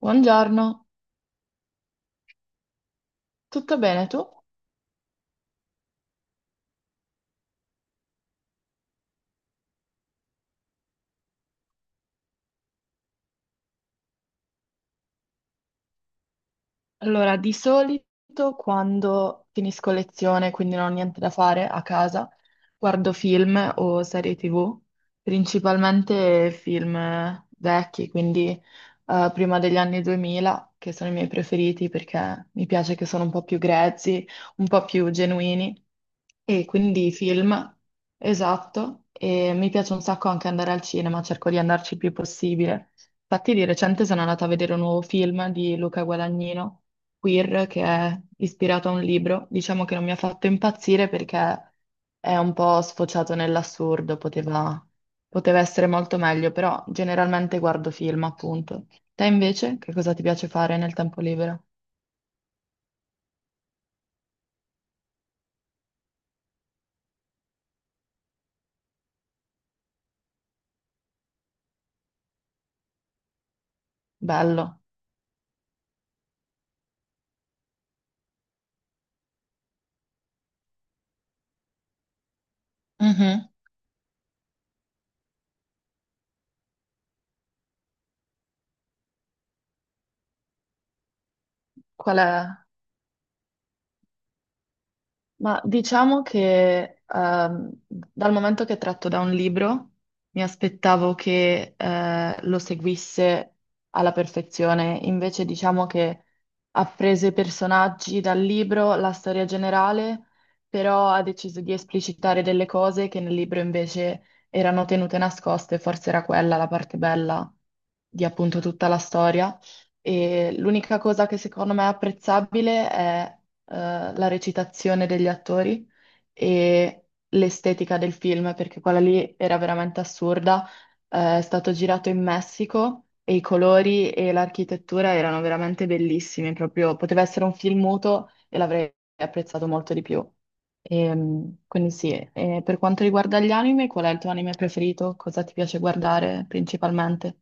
Buongiorno, tutto bene tu? Allora, di solito quando finisco lezione, quindi non ho niente da fare a casa, guardo film o serie TV, principalmente film vecchi, quindi prima degli anni 2000, che sono i miei preferiti perché mi piace che sono un po' più grezzi, un po' più genuini, e quindi film, esatto, e mi piace un sacco anche andare al cinema, cerco di andarci il più possibile. Infatti di recente sono andata a vedere un nuovo film di Luca Guadagnino queer che è ispirato a un libro. Diciamo che non mi ha fatto impazzire perché è un po' sfociato nell'assurdo, poteva essere molto meglio, però generalmente guardo film, appunto. Te invece, che cosa ti piace fare nel tempo libero? Bello. Mhm. Qual è? Ma diciamo che dal momento che è tratto da un libro, mi aspettavo che lo seguisse alla perfezione. Invece diciamo che ha preso i personaggi dal libro, la storia generale, però ha deciso di esplicitare delle cose che nel libro invece erano tenute nascoste, forse era quella la parte bella di appunto tutta la storia. E l'unica cosa che secondo me è apprezzabile è la recitazione degli attori e l'estetica del film, perché quella lì era veramente assurda. È stato girato in Messico e i colori e l'architettura erano veramente bellissimi, proprio poteva essere un film muto e l'avrei apprezzato molto di più. Quindi sì, e per quanto riguarda gli anime, qual è il tuo anime preferito? Cosa ti piace guardare principalmente?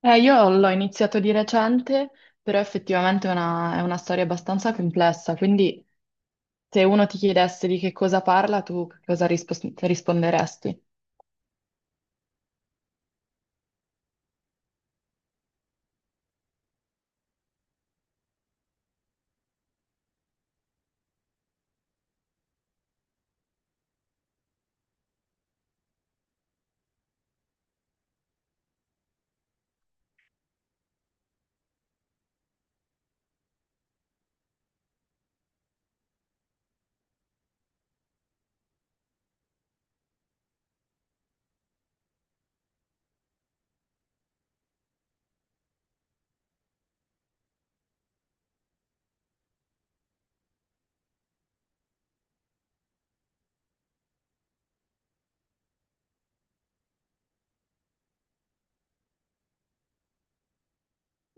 Io l'ho iniziato di recente, però effettivamente è una storia abbastanza complessa, quindi se uno ti chiedesse di che cosa parla, tu che cosa risponderesti?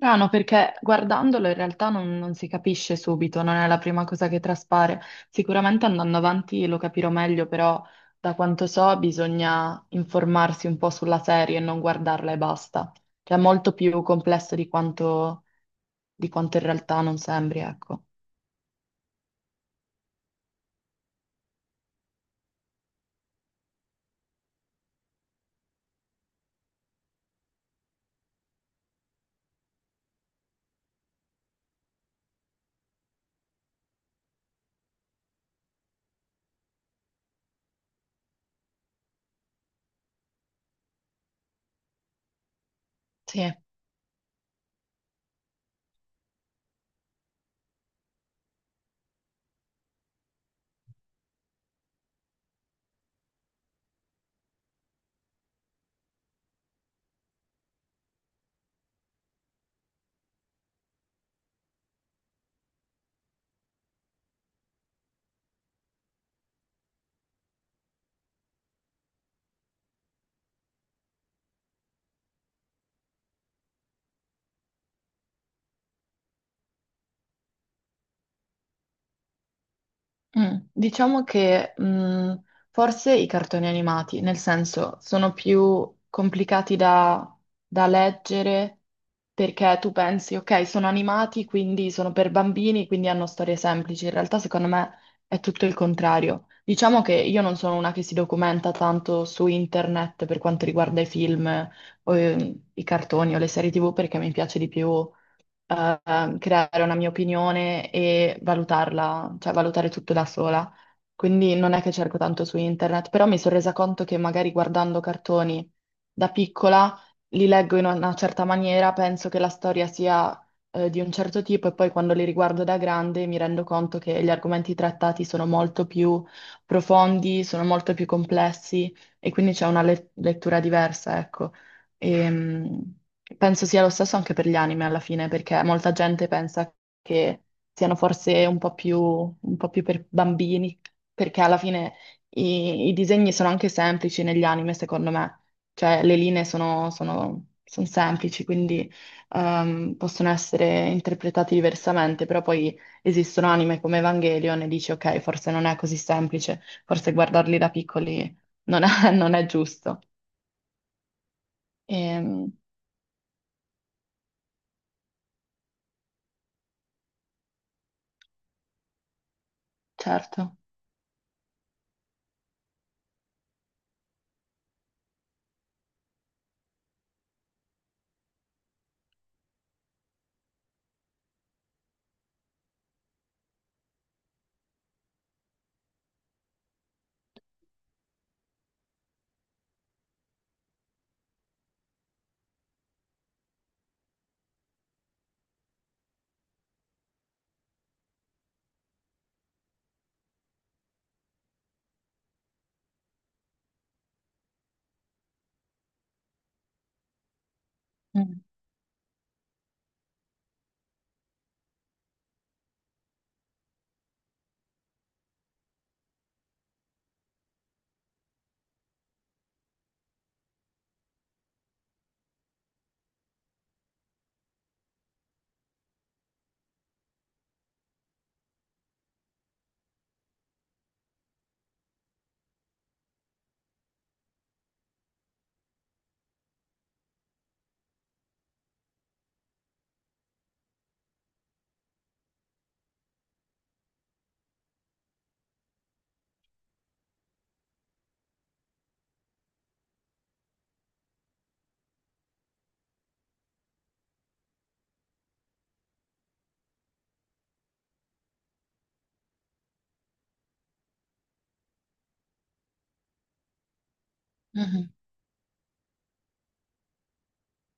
Ah, no, perché guardandolo in realtà non si capisce subito, non è la prima cosa che traspare. Sicuramente andando avanti lo capirò meglio, però da quanto so bisogna informarsi un po' sulla serie e non guardarla e basta. Cioè è molto più complesso di quanto in realtà non sembri, ecco. Sì. Mm, diciamo che forse i cartoni animati, nel senso, sono più complicati da leggere perché tu pensi, ok, sono animati, quindi sono per bambini, quindi hanno storie semplici. In realtà, secondo me, è tutto il contrario. Diciamo che io non sono una che si documenta tanto su internet per quanto riguarda i film o i cartoni o le serie TV perché mi piace di più creare una mia opinione e valutarla, cioè valutare tutto da sola. Quindi non è che cerco tanto su internet, però mi sono resa conto che magari guardando cartoni da piccola li leggo in una certa maniera, penso che la storia sia di un certo tipo e poi quando li riguardo da grande mi rendo conto che gli argomenti trattati sono molto più profondi, sono molto più complessi e quindi c'è una lettura diversa, ecco. E, penso sia lo stesso anche per gli anime alla fine, perché molta gente pensa che siano forse un po' più per bambini, perché alla fine i disegni sono anche semplici negli anime, secondo me. Cioè, le linee sono, sono- son semplici, quindi possono essere interpretati diversamente, però poi esistono anime come Evangelion e dici, ok, forse non è così semplice, forse guardarli da piccoli non è, non è giusto. Ehm, certo. Mh. Mh-mh.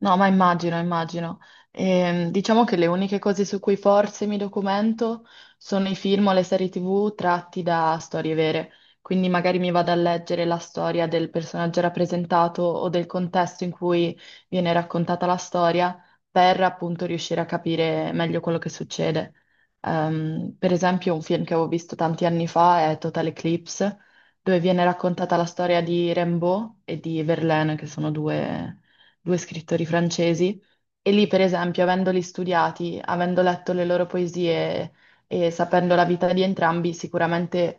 No, ma immagino, immagino. Diciamo che le uniche cose su cui forse mi documento sono i film o le serie TV tratti da storie vere. Quindi magari mi vado a leggere la storia del personaggio rappresentato o del contesto in cui viene raccontata la storia per appunto riuscire a capire meglio quello che succede. Per esempio, un film che avevo visto tanti anni fa è Total Eclipse, dove viene raccontata la storia di Rimbaud e di Verlaine, che sono due scrittori francesi, e lì, per esempio, avendoli studiati, avendo letto le loro poesie e sapendo la vita di entrambi, sicuramente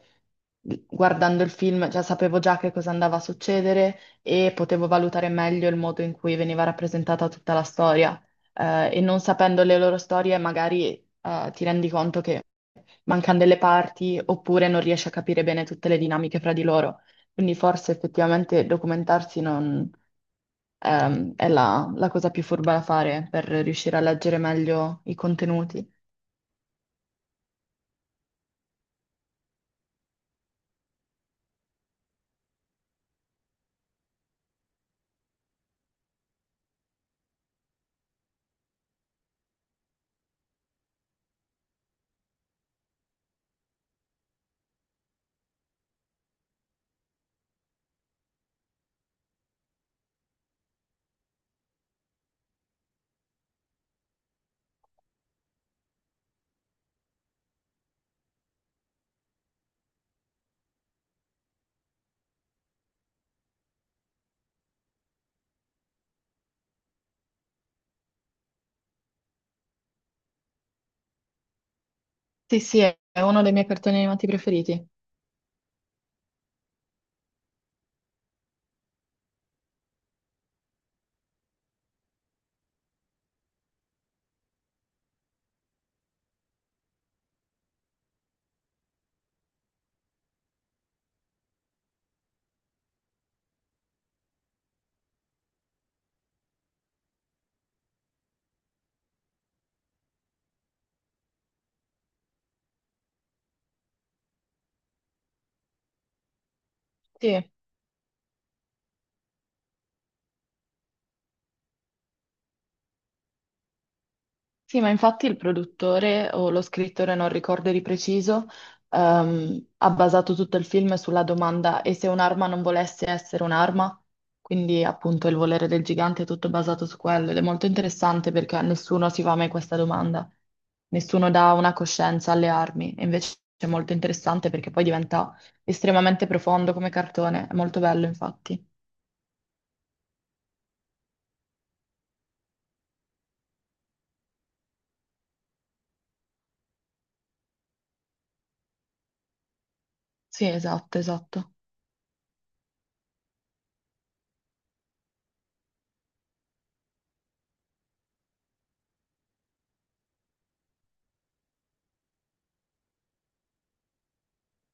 guardando il film, già sapevo già che cosa andava a succedere e potevo valutare meglio il modo in cui veniva rappresentata tutta la storia. E non sapendo le loro storie, magari, ti rendi conto che mancano delle parti oppure non riesci a capire bene tutte le dinamiche fra di loro. Quindi forse effettivamente documentarsi non è la cosa più furba da fare per riuscire a leggere meglio i contenuti. Sì, sì, è uno dei miei cartoni animati preferiti. Sì. Sì, ma infatti il produttore o lo scrittore, non ricordo di preciso, ha basato tutto il film sulla domanda e se un'arma non volesse essere un'arma? Quindi appunto il volere del gigante è tutto basato su quello ed è molto interessante perché a nessuno si fa mai questa domanda, nessuno dà una coscienza alle armi e invece è molto interessante perché poi diventa estremamente profondo come cartone, è molto bello infatti. Sì, esatto, esatto.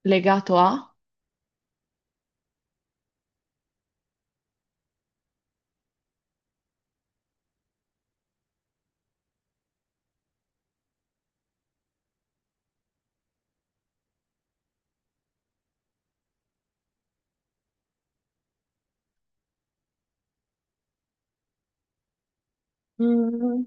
Legato a? Mm,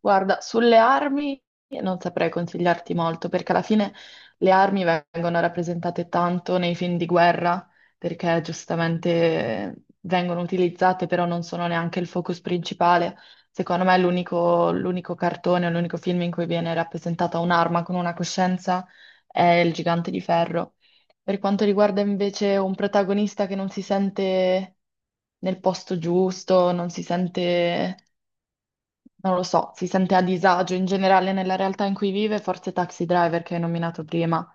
guarda, sulle armi non saprei consigliarti molto perché alla fine le armi vengono rappresentate tanto nei film di guerra perché giustamente vengono utilizzate, però non sono neanche il focus principale. Secondo me l'unico cartone, l'unico film in cui viene rappresentata un'arma con una coscienza è Il Gigante di Ferro. Per quanto riguarda invece un protagonista che non si sente nel posto giusto, non si sente non lo so, si sente a disagio in generale nella realtà in cui vive, forse Taxi Driver che hai nominato prima,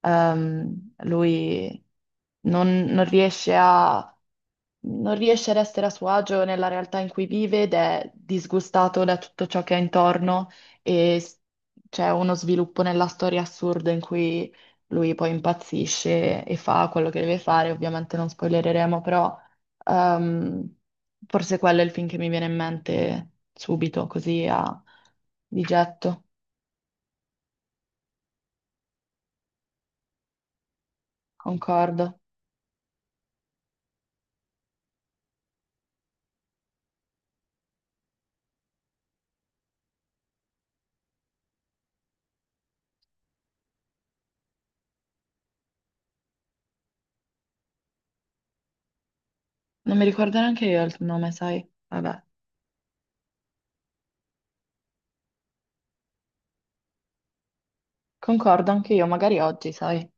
Lui non riesce a non riesce ad essere a suo agio nella realtà in cui vive ed è disgustato da tutto ciò che ha intorno e s- c'è uno sviluppo nella storia assurda in cui lui poi impazzisce e fa quello che deve fare. Ovviamente non spoilereremo, però ehm, forse quello è il film che mi viene in mente subito, così a di getto. Concordo. Non mi ricordo neanche io il nome, sai? Vabbè. Concordo anche io, magari oggi, sai?